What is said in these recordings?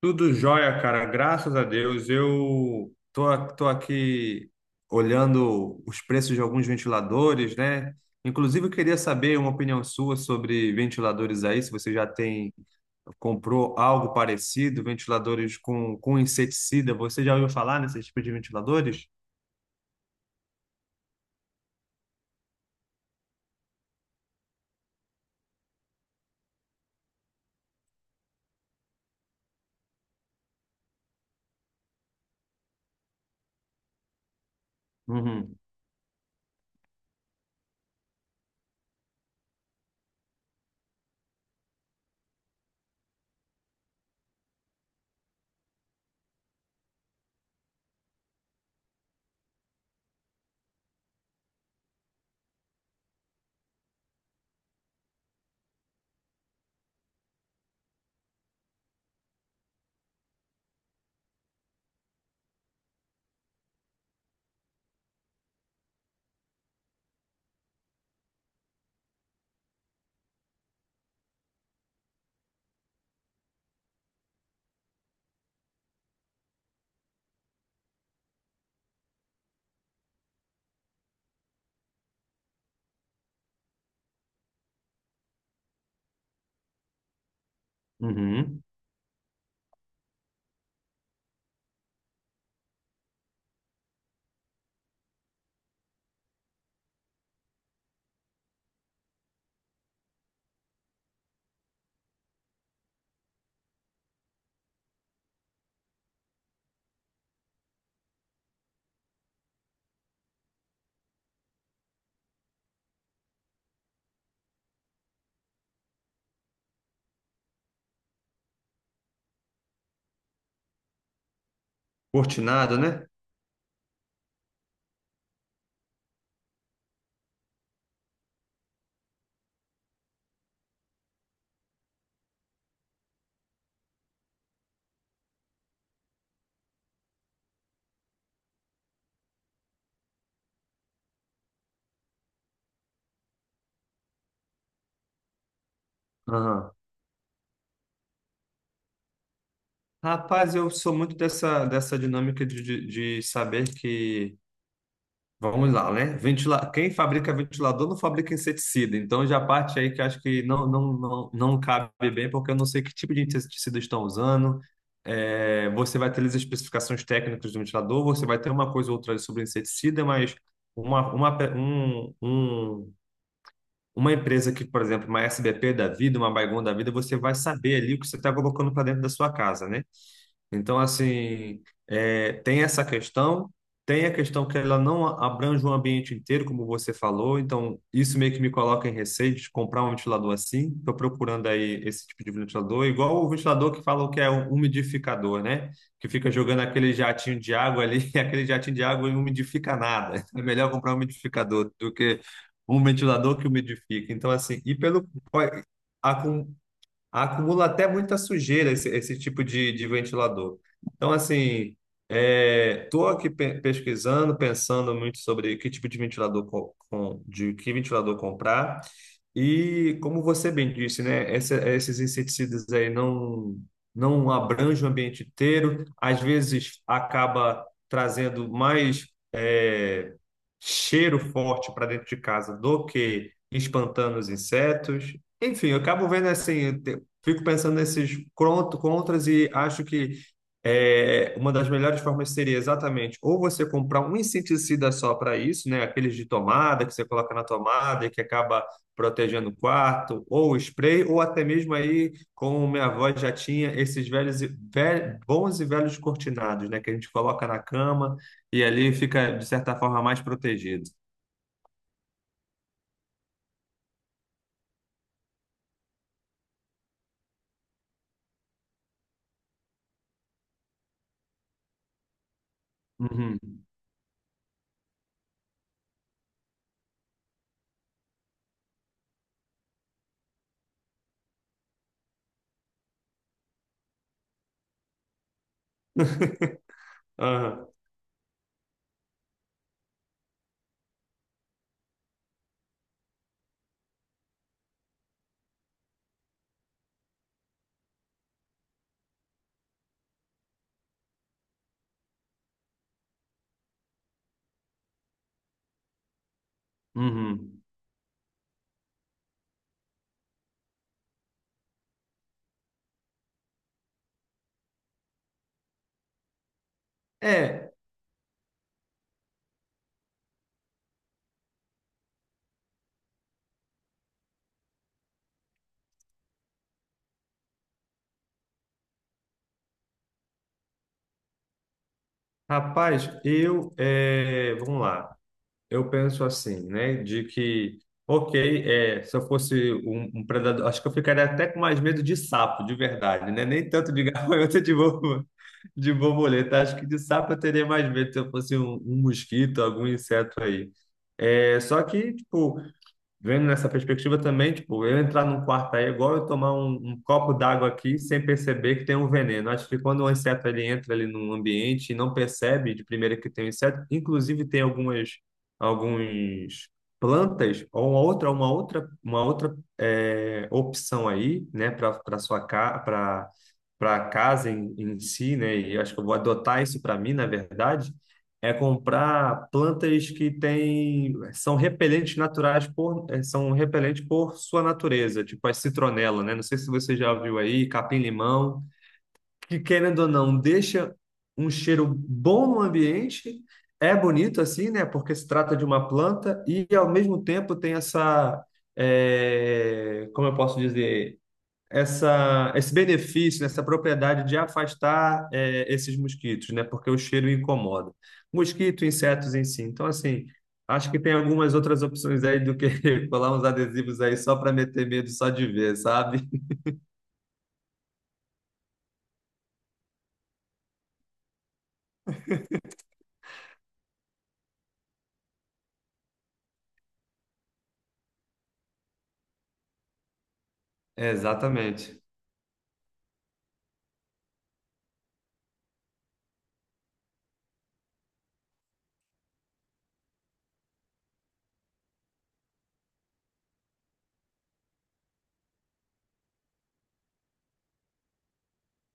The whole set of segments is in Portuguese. Tudo jóia, cara. Graças a Deus. Eu tô aqui olhando os preços de alguns ventiladores, né? Inclusive, eu queria saber uma opinião sua sobre ventiladores aí, se você já tem, comprou algo parecido, ventiladores com inseticida. Você já ouviu falar nesse tipo de ventiladores? Uhum. Uhum. Cortinado, né? Aham. Rapaz, eu sou muito dessa dinâmica de saber que... Vamos lá, né? Ventila... Quem fabrica ventilador não fabrica inseticida. Então já parte aí que eu acho que não, não, não, não cabe bem, porque eu não sei que tipo de inseticida estão usando. É, você vai ter as especificações técnicas do ventilador, você vai ter uma coisa ou outra sobre inseticida, mas uma, pe- um, uma empresa que, por exemplo, uma S B P da vida, uma Baygon da vida, você vai saber ali o que você está colocando para dentro da sua casa, né? Então, assim, é, tem essa questão, tem a questão que ela não abrange o ambiente inteiro, como você falou, então isso meio que me coloca em receio de comprar um ventilador assim. Estou procurando aí esse tipo de ventilador, igual o ventilador que falam que é um umidificador, né? Que fica jogando aquele jatinho de água ali, e aquele jatinho de água não umidifica nada. É melhor comprar um umidificador do que um ventilador que umidifica. Então, assim, e pelo, acumula até muita sujeira esse tipo de ventilador. Então, assim, estou aqui pesquisando, pensando muito sobre que tipo de ventilador de que ventilador comprar. E como você bem disse, né, esses inseticidas aí não abrangem o ambiente inteiro, às vezes acaba trazendo mais é, cheiro forte para dentro de casa do que espantando os insetos. Enfim, eu acabo vendo assim, fico pensando nesses contras e acho que uma das melhores formas seria exatamente ou você comprar um inseticida só para isso, né? Aqueles de tomada que você coloca na tomada e que acaba protegendo o quarto, ou spray, ou até mesmo aí, como minha avó já tinha, esses velhos, bons e velhos cortinados, né? Que a gente coloca na cama e ali fica, de certa forma, mais protegido. Uhum. Aham. Uhum. É, rapaz, vamos lá. Eu penso assim, né? De que, ok, é, se eu fosse um predador, acho que eu ficaria até com mais medo de sapo, de verdade, né? Nem tanto de gafanhoto de borboleta. Acho que de sapo eu teria mais medo se eu fosse um mosquito, algum inseto aí. É, só que, tipo, vendo nessa perspectiva também, tipo, eu entrar num quarto aí é igual eu tomar um copo d'água aqui sem perceber que tem um veneno. Acho que quando um inseto ele entra ali num ambiente e não percebe de primeira que tem um inseto, inclusive tem algumas alguns plantas ou uma outra opção aí, né, para sua casa, para casa em, em si, né? E acho que eu vou adotar isso para mim, na verdade é comprar plantas que têm, são repelentes naturais por, são repelentes por sua natureza, tipo a citronela, né? Não sei se você já viu aí, capim-limão, que querendo ou não, deixa um cheiro bom no ambiente, é bonito assim, né? Porque se trata de uma planta e ao mesmo tempo tem essa, como eu posso dizer, esse benefício, né, essa propriedade de afastar é, esses mosquitos, né? Porque o cheiro incomoda. Mosquito, insetos em si. Então, assim, acho que tem algumas outras opções aí do que colar uns adesivos aí só para meter medo só de ver, sabe? É, exatamente.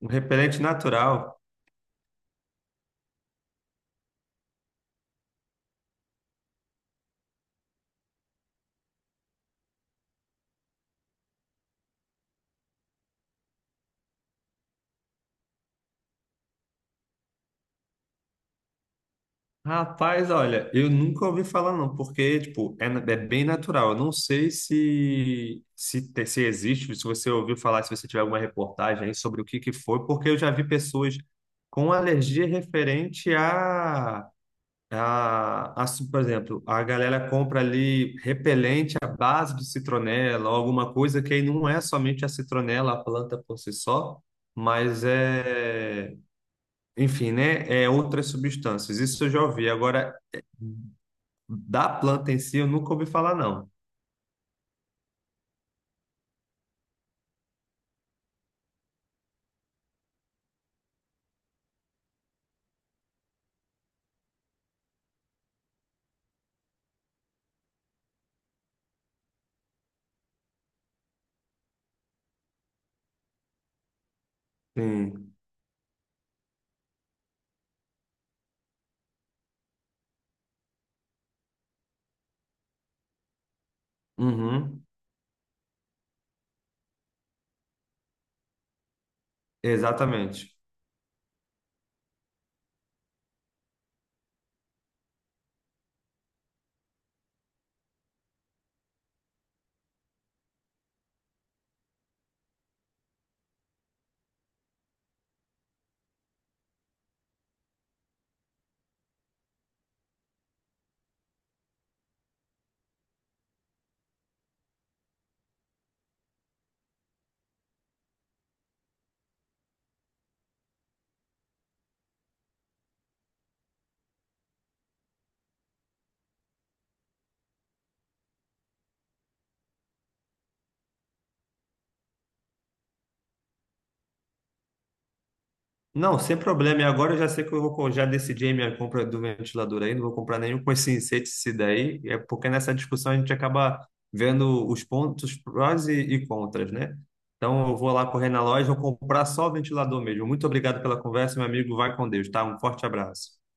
Um repelente natural. Rapaz, olha, eu nunca ouvi falar não, porque, tipo, é, é bem natural. Eu não sei se existe, se você ouviu falar, se você tiver alguma reportagem aí sobre o que que foi, porque eu já vi pessoas com alergia referente por exemplo, a galera compra ali repelente à base de citronela, ou alguma coisa que aí não é somente a citronela, a planta por si só, mas é... Enfim, né? É outras substâncias. Isso eu já ouvi. Agora, da planta em si, eu nunca ouvi falar, não. Sim. Uhum. Exatamente. Não, sem problema. E agora eu já sei que eu vou, já decidi a minha compra do ventilador aí, não vou comprar nenhum com esse inseticida aí, é porque nessa discussão a gente acaba vendo os pontos prós e contras, né? Então eu vou lá correr na loja, vou comprar só o ventilador mesmo. Muito obrigado pela conversa, meu amigo. Vai com Deus, tá? Um forte abraço.